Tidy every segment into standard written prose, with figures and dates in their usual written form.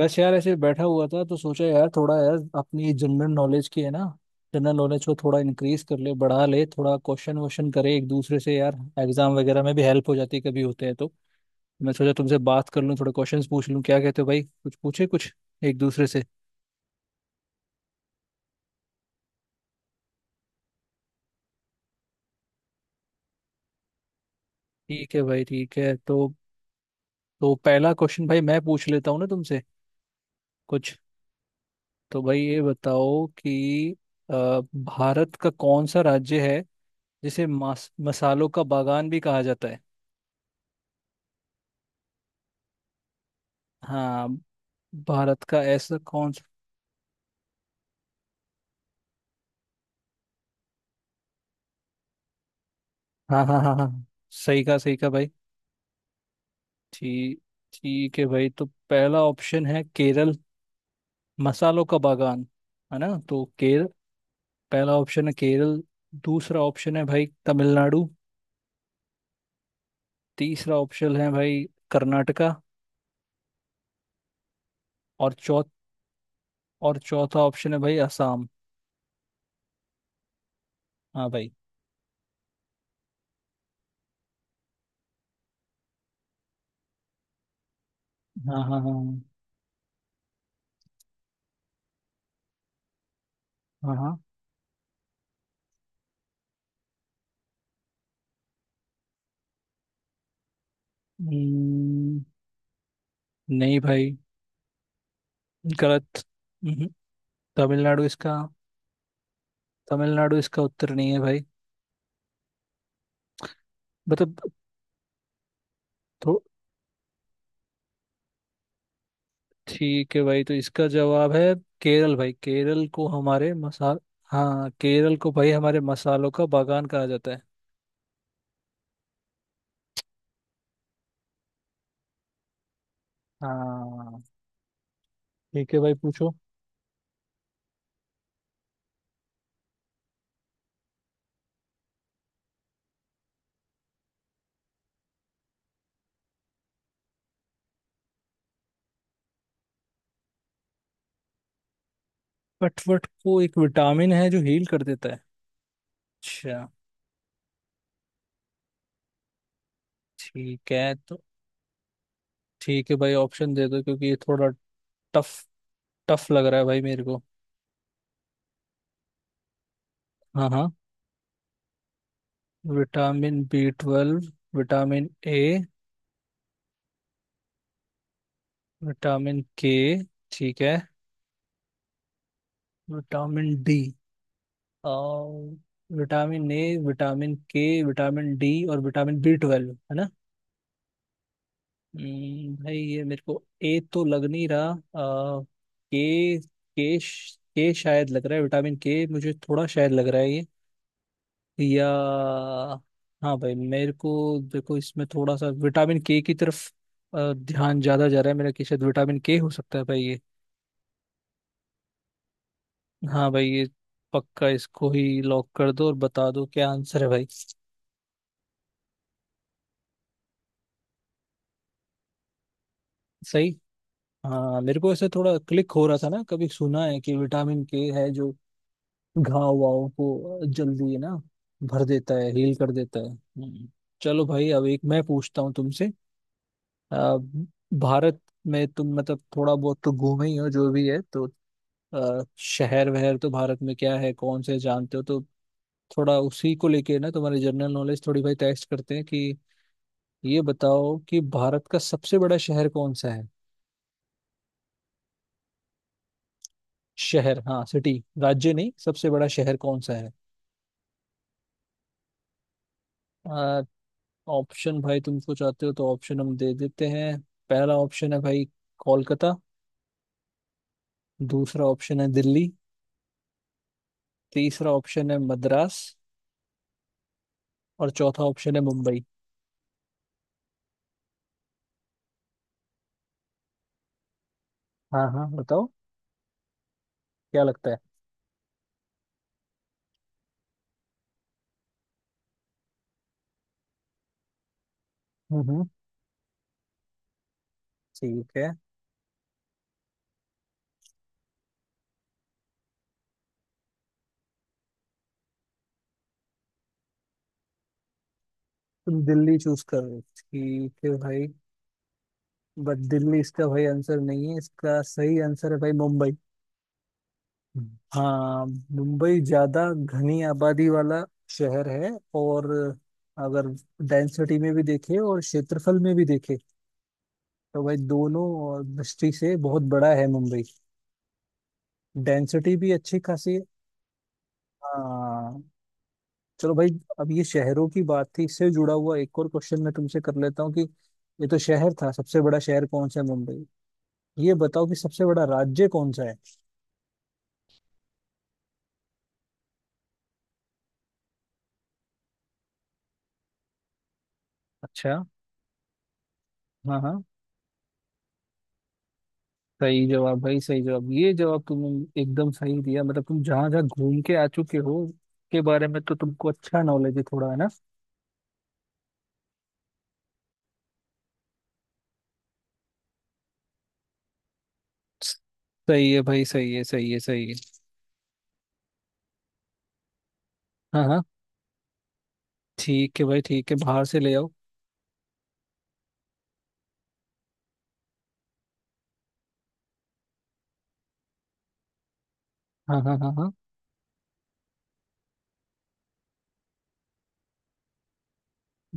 बस यार ऐसे बैठा हुआ था तो सोचा यार थोड़ा यार अपनी जनरल नॉलेज की है ना। जनरल नॉलेज को थोड़ा इंक्रीज कर ले, बढ़ा ले, थोड़ा क्वेश्चन वोश्चन करे एक दूसरे से यार। एग्जाम वगैरह में भी हेल्प हो जाती है कभी होते हैं तो। मैं सोचा तुमसे बात कर लूँ, थोड़े क्वेश्चंस पूछ लूँ। क्या कहते हो भाई? कुछ पूछे कुछ एक दूसरे से। ठीक है भाई, ठीक है। तो पहला क्वेश्चन भाई मैं पूछ लेता हूँ ना तुमसे कुछ। तो भाई ये बताओ कि अ, भारत का कौन सा राज्य है जिसे मास मसालों का बागान भी कहा जाता है? हाँ, भारत का ऐसा कौन सा। हाँ हाँ हाँ हाँ। सही कहा, सही कहा भाई। ठीक ठीक है भाई। तो पहला ऑप्शन है केरल, मसालों का बागान, है ना तो केरल। पहला ऑप्शन है केरल। दूसरा ऑप्शन है भाई तमिलनाडु। तीसरा ऑप्शन है भाई कर्नाटका। और चौथ और चौथा ऑप्शन है भाई असम। हाँ भाई। हाँ हाँ हाँ हाँ हाँ। हम्म, नहीं भाई, गलत। हम्म, तमिलनाडु इसका। तमिलनाडु इसका उत्तर नहीं है भाई, मतलब। तो ठीक है भाई तो इसका जवाब है केरल भाई। केरल को हमारे मसाल हाँ, केरल को भाई हमारे मसालों का बागान कहा जाता है। हाँ, ठीक है भाई पूछो। कटवट को एक विटामिन है जो हील कर देता है। अच्छा। ठीक है तो। ठीक है भाई ऑप्शन दे दो, क्योंकि ये थोड़ा टफ टफ लग रहा है भाई मेरे को। हाँ हाँ। Vitamin B twelve. Vitamin A, vitamin K, ठीक है, विटामिन डी। और vitamin A, vitamin K, vitamin D और विटामिन बी ट्वेल्व है ना। भाई ये मेरे को ए तो लग नहीं रहा। आ, के शायद लग रहा है, विटामिन के मुझे थोड़ा शायद लग रहा है ये। या हाँ भाई मेरे को, देखो इसमें थोड़ा सा विटामिन के की तरफ ध्यान ज्यादा जा रहा है मेरा कि शायद विटामिन के हो सकता है भाई ये। हाँ भाई ये, पक्का इसको ही लॉक कर दो और बता दो क्या आंसर है भाई। सही। हाँ मेरे को ऐसे थोड़ा क्लिक हो रहा था ना, कभी सुना है कि विटामिन के है जो घाव वाव को जल्दी ना भर देता है, हील कर देता है। हम्म। चलो भाई अब एक मैं पूछता हूँ तुमसे। अ, भारत में तुम मतलब थोड़ा बहुत तो घूमे ही हो जो भी है तो शहर वहर तो भारत में क्या है कौन से जानते हो तो थोड़ा उसी को लेके ना तुम्हारी जनरल नॉलेज थोड़ी भाई टेस्ट करते हैं कि ये बताओ कि भारत का सबसे बड़ा शहर कौन सा है? शहर हाँ, सिटी, राज्य नहीं, सबसे बड़ा शहर कौन सा है? ऑप्शन भाई तुमको चाहते हो तो ऑप्शन हम दे देते हैं। पहला ऑप्शन है भाई कोलकाता। दूसरा ऑप्शन है दिल्ली। तीसरा ऑप्शन है मद्रास। और चौथा ऑप्शन है मुंबई। हाँ हाँ बताओ क्या लगता है। हम्म हम्म, ठीक है। तुम दिल्ली चूज कर रहे हो। ठीक है भाई। बट दिल्ली इसका भाई आंसर नहीं है, इसका सही आंसर है भाई मुंबई। हम्म। हाँ। मुंबई ज्यादा घनी आबादी वाला शहर है। और अगर डेंसिटी में भी देखे और क्षेत्रफल में भी देखे तो भाई दोनों दृष्टि से बहुत बड़ा है मुंबई। डेंसिटी भी अच्छी खासी है। हाँ। चलो भाई अब ये शहरों की बात थी, इससे जुड़ा हुआ एक और क्वेश्चन मैं तुमसे कर लेता हूँ कि ये तो शहर था, सबसे बड़ा शहर कौन सा है, मुंबई। ये बताओ कि सबसे बड़ा राज्य कौन सा है? अच्छा। हाँ हाँ। सही जवाब भाई, सही जवाब। ये जवाब तुमने एकदम सही दिया। मतलब तुम जहाँ जहाँ घूम के आ चुके हो के बारे में तो तुमको अच्छा नॉलेज है थोड़ा, है ना। सही है भाई, सही है, सही है, सही है। हाँ हाँ ठीक है भाई, ठीक है बाहर से ले आओ। हाँ हाँ हाँ हाँ।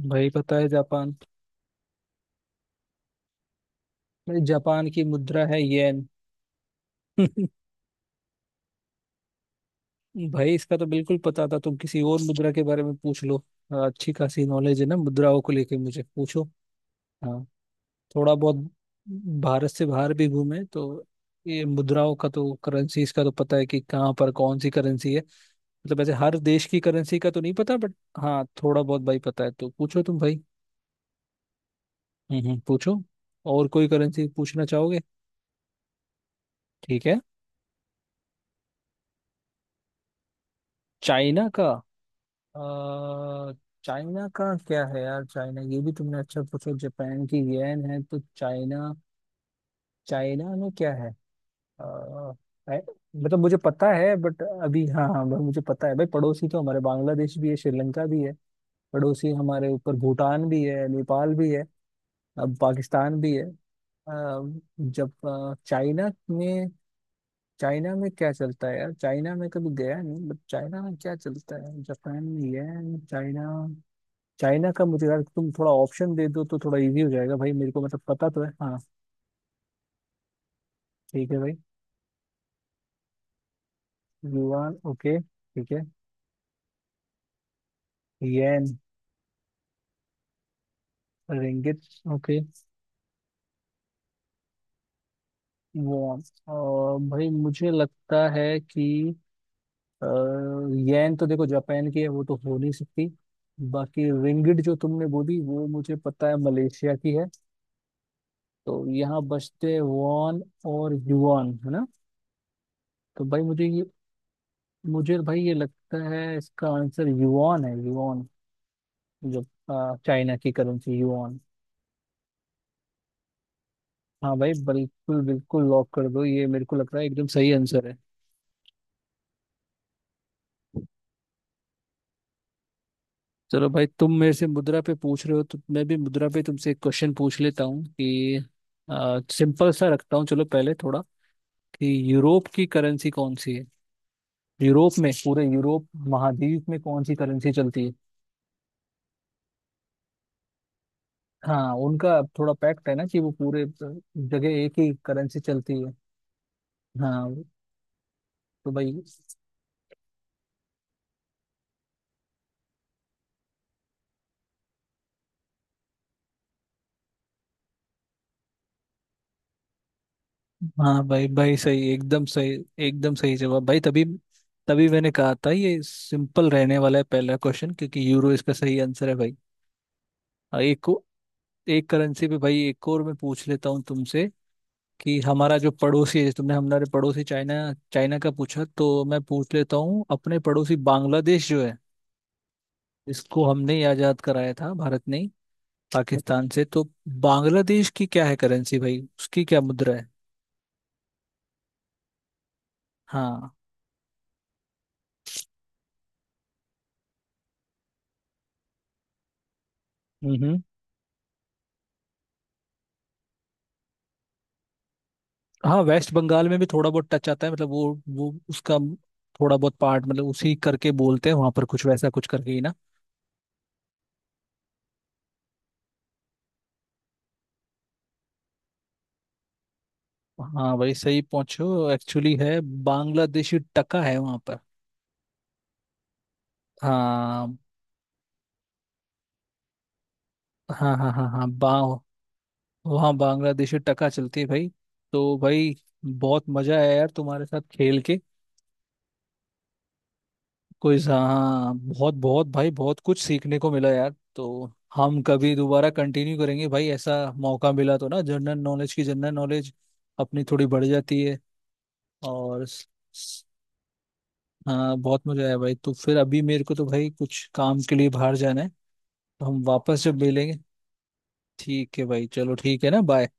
भाई पता है जापान। भाई जापान की मुद्रा है येन। भाई इसका तो बिल्कुल पता था, तुम किसी और मुद्रा के बारे में पूछ लो। हाँ, अच्छी खासी नॉलेज है ना मुद्राओं को लेके, मुझे पूछो। हाँ थोड़ा बहुत, भारत से बाहर भी घूमे तो ये मुद्राओं का तो, करेंसीज का तो पता है कि कहाँ पर कौन सी करेंसी है। मतलब ऐसे हर देश की करेंसी का तो नहीं पता बट हाँ थोड़ा बहुत भाई पता है, तो पूछो तुम भाई। पूछो, और कोई करेंसी पूछना चाहोगे। ठीक है। चाइना का, अ, चाइना का क्या है यार? चाइना ये भी तुमने अच्छा पूछा, जापान की येन है तो चाइना, चाइना में क्या है? अ, है- मतलब मुझे पता है बट अभी, हाँ हाँ भाई मुझे पता है भाई। पड़ोसी तो हमारे बांग्लादेश भी है, श्रीलंका भी है, पड़ोसी हमारे ऊपर भूटान भी है, नेपाल भी है, अब पाकिस्तान भी है। अ, जब चाइना में, चाइना में क्या चलता है यार? चाइना में कभी गया नहीं बट चाइना में क्या चलता है? जापान में येन, चाइना, चाइना का मुझे यार तुम थोड़ा ऑप्शन दे दो तो थोड़ा इजी हो जाएगा भाई मेरे को, मतलब पता तो है। हाँ ठीक है भाई। युआन, ओके ठीक है। येन। Ringgit, okay. वॉन। और भाई मुझे लगता है कि येन तो देखो जापान की है, वो तो हो नहीं सकती। बाकी रिंगिट जो तुमने बोली वो मुझे पता है मलेशिया की है। तो यहाँ बचते हैं वॉन और युआन है ना। तो भाई मुझे भाई ये लगता है इसका आंसर युआन है, युआन जो चाइना की करेंसी, युआन। हाँ भाई बिल्कुल बिल्कुल लॉक कर दो, ये मेरे को लग रहा है एकदम सही आंसर है। चलो भाई तुम मेरे से मुद्रा पे पूछ रहे हो तो मैं भी मुद्रा पे तुमसे एक क्वेश्चन पूछ लेता हूँ कि सिंपल सा रखता हूँ चलो पहले थोड़ा, कि यूरोप की करेंसी कौन सी है? यूरोप में, पूरे यूरोप महाद्वीप में कौन सी करेंसी चलती है? हाँ उनका थोड़ा पैक्ट है ना कि वो पूरे जगह एक ही करेंसी चलती है। हाँ। तो भाई हाँ भाई भाई सही, एकदम सही, एकदम सही जवाब भाई। तभी तभी मैंने कहा था ये सिंपल रहने वाला है पहला क्वेश्चन, क्योंकि यूरो इसका सही आंसर है भाई। और एक करेंसी पे भाई एक और मैं पूछ लेता हूँ तुमसे कि हमारा जो पड़ोसी है, तुमने हमारे पड़ोसी चाइना, चाइना का पूछा तो मैं पूछ लेता हूँ अपने पड़ोसी बांग्लादेश जो है, इसको हमने ही आजाद कराया था भारत ने पाकिस्तान से तो। बांग्लादेश की क्या है करेंसी भाई, उसकी क्या मुद्रा है? हाँ हाँ वेस्ट बंगाल में भी थोड़ा बहुत टच आता है, मतलब वो उसका थोड़ा बहुत पार्ट, मतलब उसी करके बोलते हैं वहां पर कुछ वैसा कुछ करके ही ना। हाँ भाई सही पहुंचो, एक्चुअली है, बांग्लादेशी टका है वहां पर। हाँ हाँ हाँ हाँ हाँ। बा वहाँ बांग्लादेशी टका चलती है भाई। तो भाई बहुत मजा आया यार तुम्हारे साथ खेल के। क्विज हाँ, बहुत बहुत भाई बहुत कुछ सीखने को मिला यार। तो हम कभी दोबारा कंटिन्यू करेंगे भाई ऐसा मौका मिला तो ना, जनरल नॉलेज की, जनरल नॉलेज अपनी थोड़ी बढ़ जाती है। और स- स- हाँ बहुत मजा आया भाई। तो फिर अभी मेरे को तो भाई कुछ काम के लिए बाहर जाना है, तो हम वापस जब मिलेंगे। ठीक है भाई चलो ठीक है ना, बाय।